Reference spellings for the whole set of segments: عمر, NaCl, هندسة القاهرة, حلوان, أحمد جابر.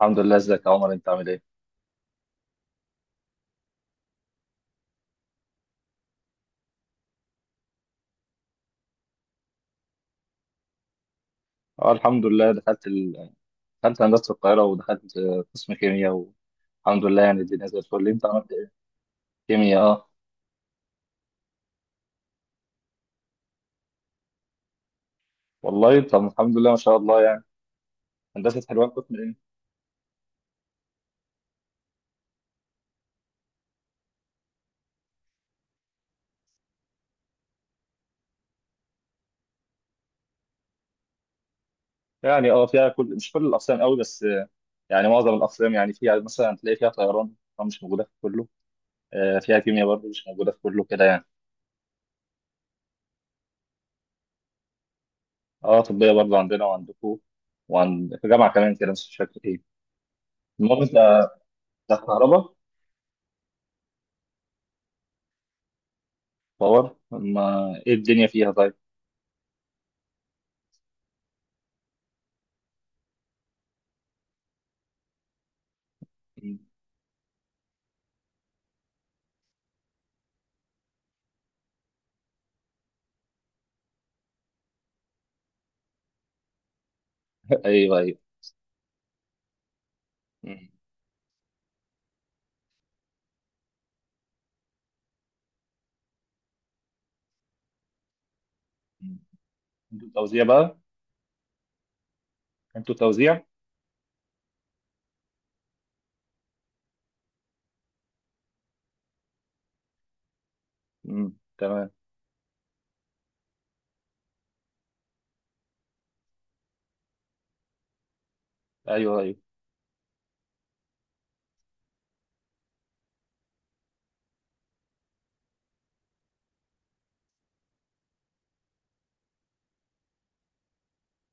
الحمد لله، ازيك يا عمر؟ انت عامل ايه؟ اه الحمد لله، دخلت هندسة القاهرة، ودخلت قسم كيمياء، والحمد لله. يعني الدنيا زي الفل. انت عملت ايه؟ كيمياء اه. والله طب الحمد لله، ما شاء الله يعني. هندسة حلوان قسم ايه؟ يعني اه فيها كل، مش كل الأقسام قوي، بس يعني معظم الأقسام. يعني فيها مثلا، هتلاقي فيها طيران، طبعاً مش موجودة في كله. فيها كيمياء برضه، مش موجودة في كله كده يعني. اه طبية برضه، عندنا وعندكم، وعند في جامعة كمان كده، بس مش فاكر ايه. المهم انت، أنت كهرباء باور. ما ايه الدنيا فيها؟ طيب؟ ايوه ايوه. مم. مم. انتوا توزيع بقى. انتوا توزيع. مم. تمام. ايوه ايوه.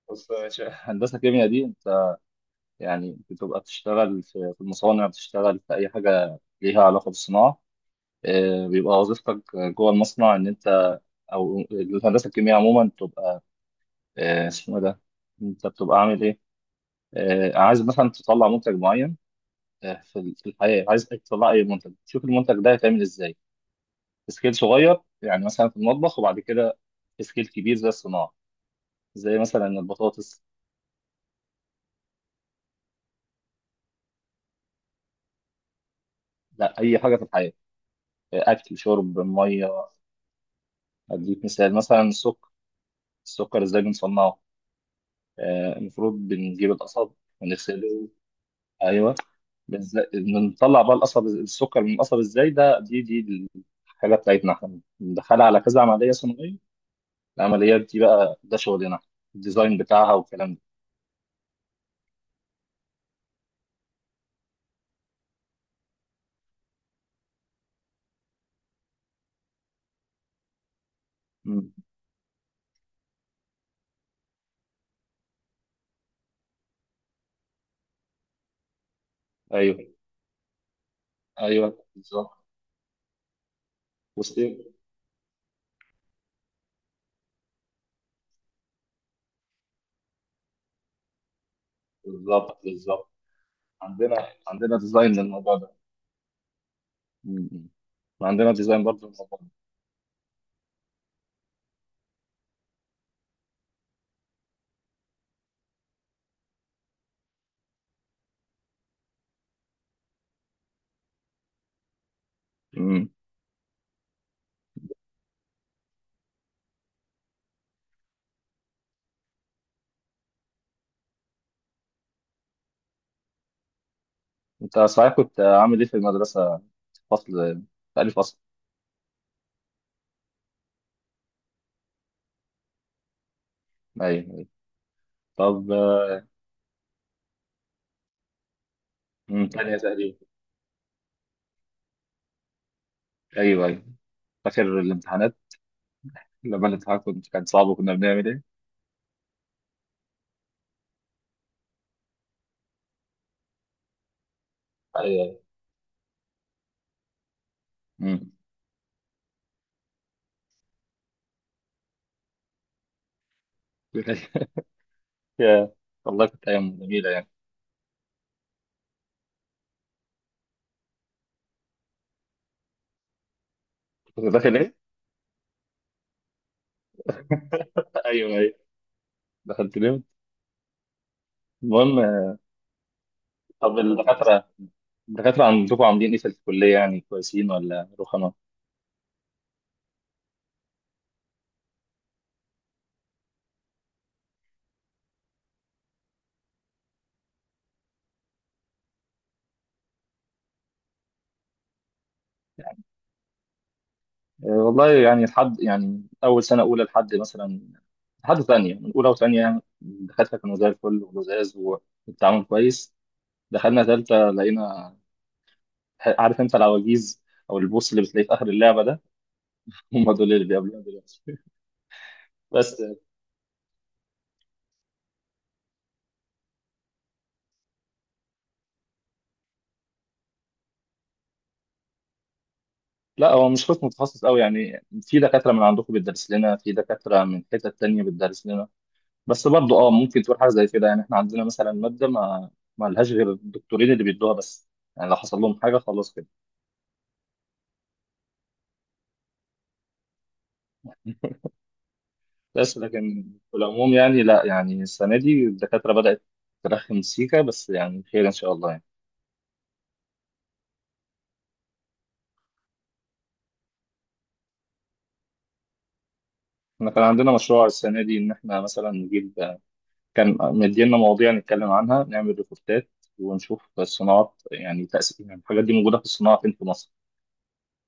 بص يا باشا، هندسه كيمياء دي انت يعني بتبقى بتشتغل في المصانع، بتشتغل في اي حاجه ليها علاقه بالصناعه. بيبقى وظيفتك جوه المصنع ان انت، او الهندسه الكيمياء عموما بتبقى اسمه إيه ده، انت بتبقى عامل ايه. عايز مثلا تطلع منتج معين. في الحياه، عايز تطلع اي منتج تشوف المنتج ده هيتعمل ازاي. سكيل صغير يعني مثلا في المطبخ، وبعد كده سكيل كبير زي الصناعه، زي مثلا البطاطس. لا، اي حاجه في الحياه، اكل شرب ميه. اديك مثال، مثلا السكر. السكر ازاي بنصنعه؟ المفروض بنجيب القصب ونغسله. ايوه بنطلع بقى القصب السكر من القصب. ازاي ده؟ دي الحاجه بتاعتنا، احنا بندخلها على كذا عمليه صناعيه. العمليات دي بقى، ده شغلنا، الديزاين بتاعها والكلام ده. مم. ايوه ايوه. بالظبط بالظبط بالظبط. عندنا، عندنا ديزاين للموضوع ده. م- م. عندنا ديزاين برضه للموضوع ده. م- م. انت صحيح كنت عامل ايه في المدرسة؟ فصل؟ تاني فصل؟ ايوه أيوة. طب، م، تانية تقريبا. ايوه ايوه. فاكر الامتحانات؟ لما الامتحان كنت كان صعب، وكنا بنعمل ايه؟ ايوه أيوة. م. يا، والله كانت ايام جميلة يعني. كنت داخل ايه؟ ايوه ايوه. دخلت ليه؟ المهم. طب الدكاترة، الدكاترة عندكم عاملين ايه في الكلية؟ يعني كويسين ولا رخمة؟ والله يعني لحد، يعني أول سنة أولى لحد مثلا، لحد تانية، من أولى وتانية يعني الدكاترة كانوا زي الفل ولزاز، والتعامل كويس. دخلنا تالتة لقينا، عارف أنت العواجيز أو البوس اللي بتلاقيه في آخر اللعبة ده؟ هم دول اللي بيقابلونا دلوقتي. بس لا، هو مش قسم متخصص أوي، يعني في دكاترة من عندكم بتدرس لنا، في دكاترة من حتة تانية بتدرس لنا. بس برضه أه ممكن تقول حاجة زي كده، يعني إحنا عندنا مثلا مادة ما ما لهاش غير الدكتورين اللي بيدوها بس. يعني لو حصل لهم حاجة خلاص كده. بس لكن في العموم يعني لا، يعني السنة دي الدكاترة بدأت ترخم سيكا، بس يعني خير إن شاء الله يعني. احنا كان عندنا مشروع السنة دي، إن احنا مثلا نجيب، كان مدينا مواضيع نتكلم عنها، نعمل ريبورتات ونشوف الصناعات، يعني تأثير، يعني الحاجات دي موجودة في الصناعة فين في مصر.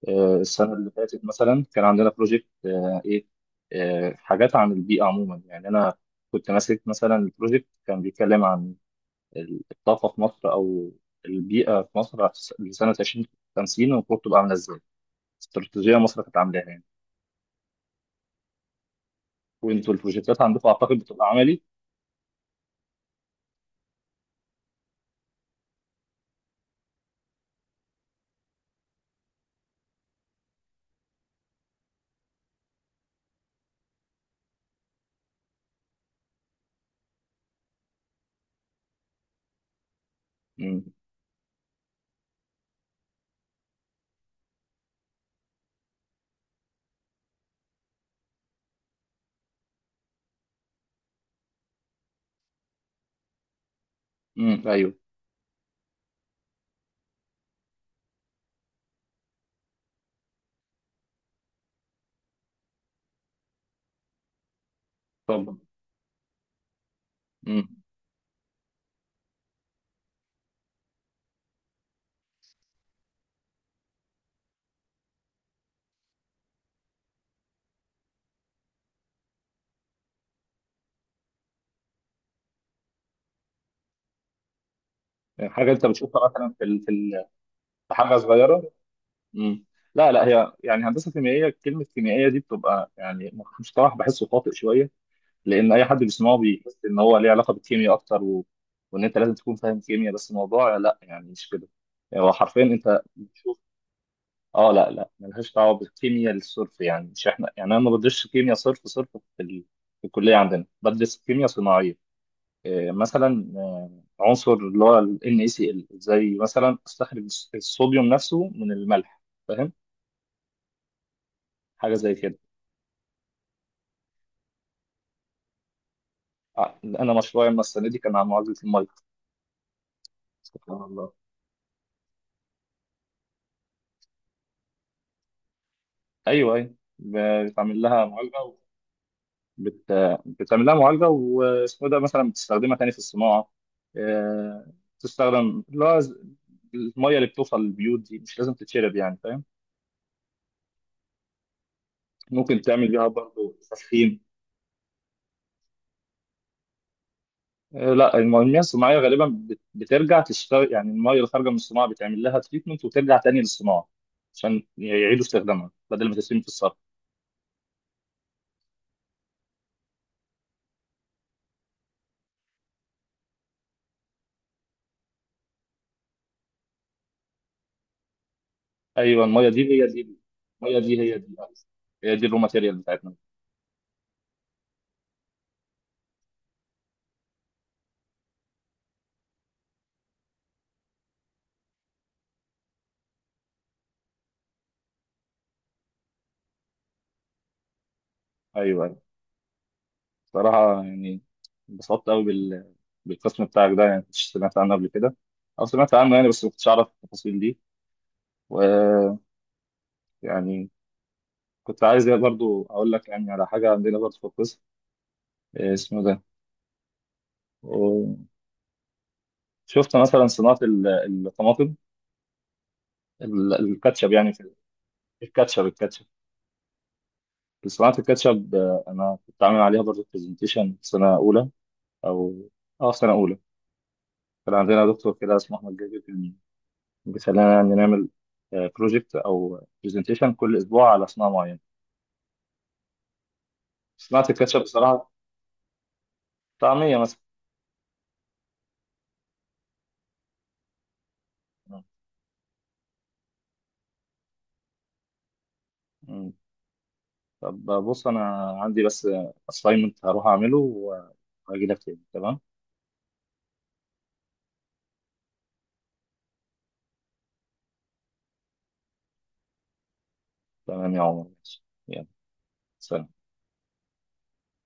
السنة اللي فاتت مثلا كان عندنا بروجكت إيه حاجات عن البيئة عموما. يعني أنا كنت ماسك مثلا البروجكت، كان بيتكلم عن الطاقة في مصر، أو البيئة في مصر، لسنة 2050 المفروض تبقى عاملة إزاي، استراتيجية مصر كانت عاملاها يعني. وأنتوا البروجكتات عندكم أعتقد بتبقى عملي. امم. أيوه. طب امم حاجة أنت بتشوفها مثلا في حاجة صغيرة. امم. لا لا، هي يعني هندسة كيميائية، كلمة كيميائية دي بتبقى يعني مصطلح بحسه خاطئ شوية، لأن أي حد بيسمعه بيحس إن هو ليه علاقة بالكيمياء أكتر، وإن أنت لازم تكون فاهم كيمياء، بس الموضوع لا، يعني مش كده. يعني هو حرفيا أنت اه. لا لا، ملهاش دعوه بالكيمياء الصرف، يعني مش احنا، يعني انا ما بدرسش كيمياء صرف صرف في, ال... في الكليه عندنا بدرس كيمياء صناعيه. إيه مثلا، عنصر اللي هو ال NaCl، زي مثلا استخرج الصوديوم نفسه من الملح، فاهم؟ حاجه زي كده. انا مشروعي أما السنه دي كان عن معالجه الميه. سبحان الله. ايوه ايوه بتعمل لها معالجه. بت... بتعمل لها معالجه، واسمه ده، مثلا بتستخدمها تاني في الصناعه. آه، تستخدم اللي هو الميه اللي بتوصل للبيوت دي مش لازم تتشرب يعني، فاهم؟ ممكن تعمل بيها برضه تسخين. لا، المياه الصناعيه غالبا بترجع تشتغل، يعني الميه اللي خارجه من الصناعه بتعمل لها تريتمنت وترجع تاني للصناعه، عشان يعيدوا استخدامها بدل ما تترمي في الصرف. ايوه الميه دي هي دي، الميه دي هي دي أيوة. هي دي الرو ماتيريال بتاعتنا. ايوه. صراحة يعني انبسطت قوي بالقسم بتاعك ده، يعني مش سمعت عنه قبل كده، أو سمعت عنه يعني بس ما كنتش أعرف التفاصيل دي. ويعني كنت عايز يعني برضو أقول لك يعني على حاجة عندنا برضو في القسم. اسمه ده و- شفت مثلا صناعة الطماطم، الكاتشب يعني، في الكاتشب، الكاتشب، صناعة الكاتشب. أنا كنت عامل عليها برضو برزنتيشن في سنة أولى، أو أه في سنة أولى كان عندنا دكتور كده اسمه أحمد جابر، بيخلينا نعمل بروجكت او برزنتيشن كل اسبوع على صناعه معينه. صناعه الكاتشب بصراحه، طعميه مثلا. مم. طب بص انا عندي بس assignment، هروح اعمله وهجي لك تاني. تمام، تمام يا عمر ماشي. يلا، سلام.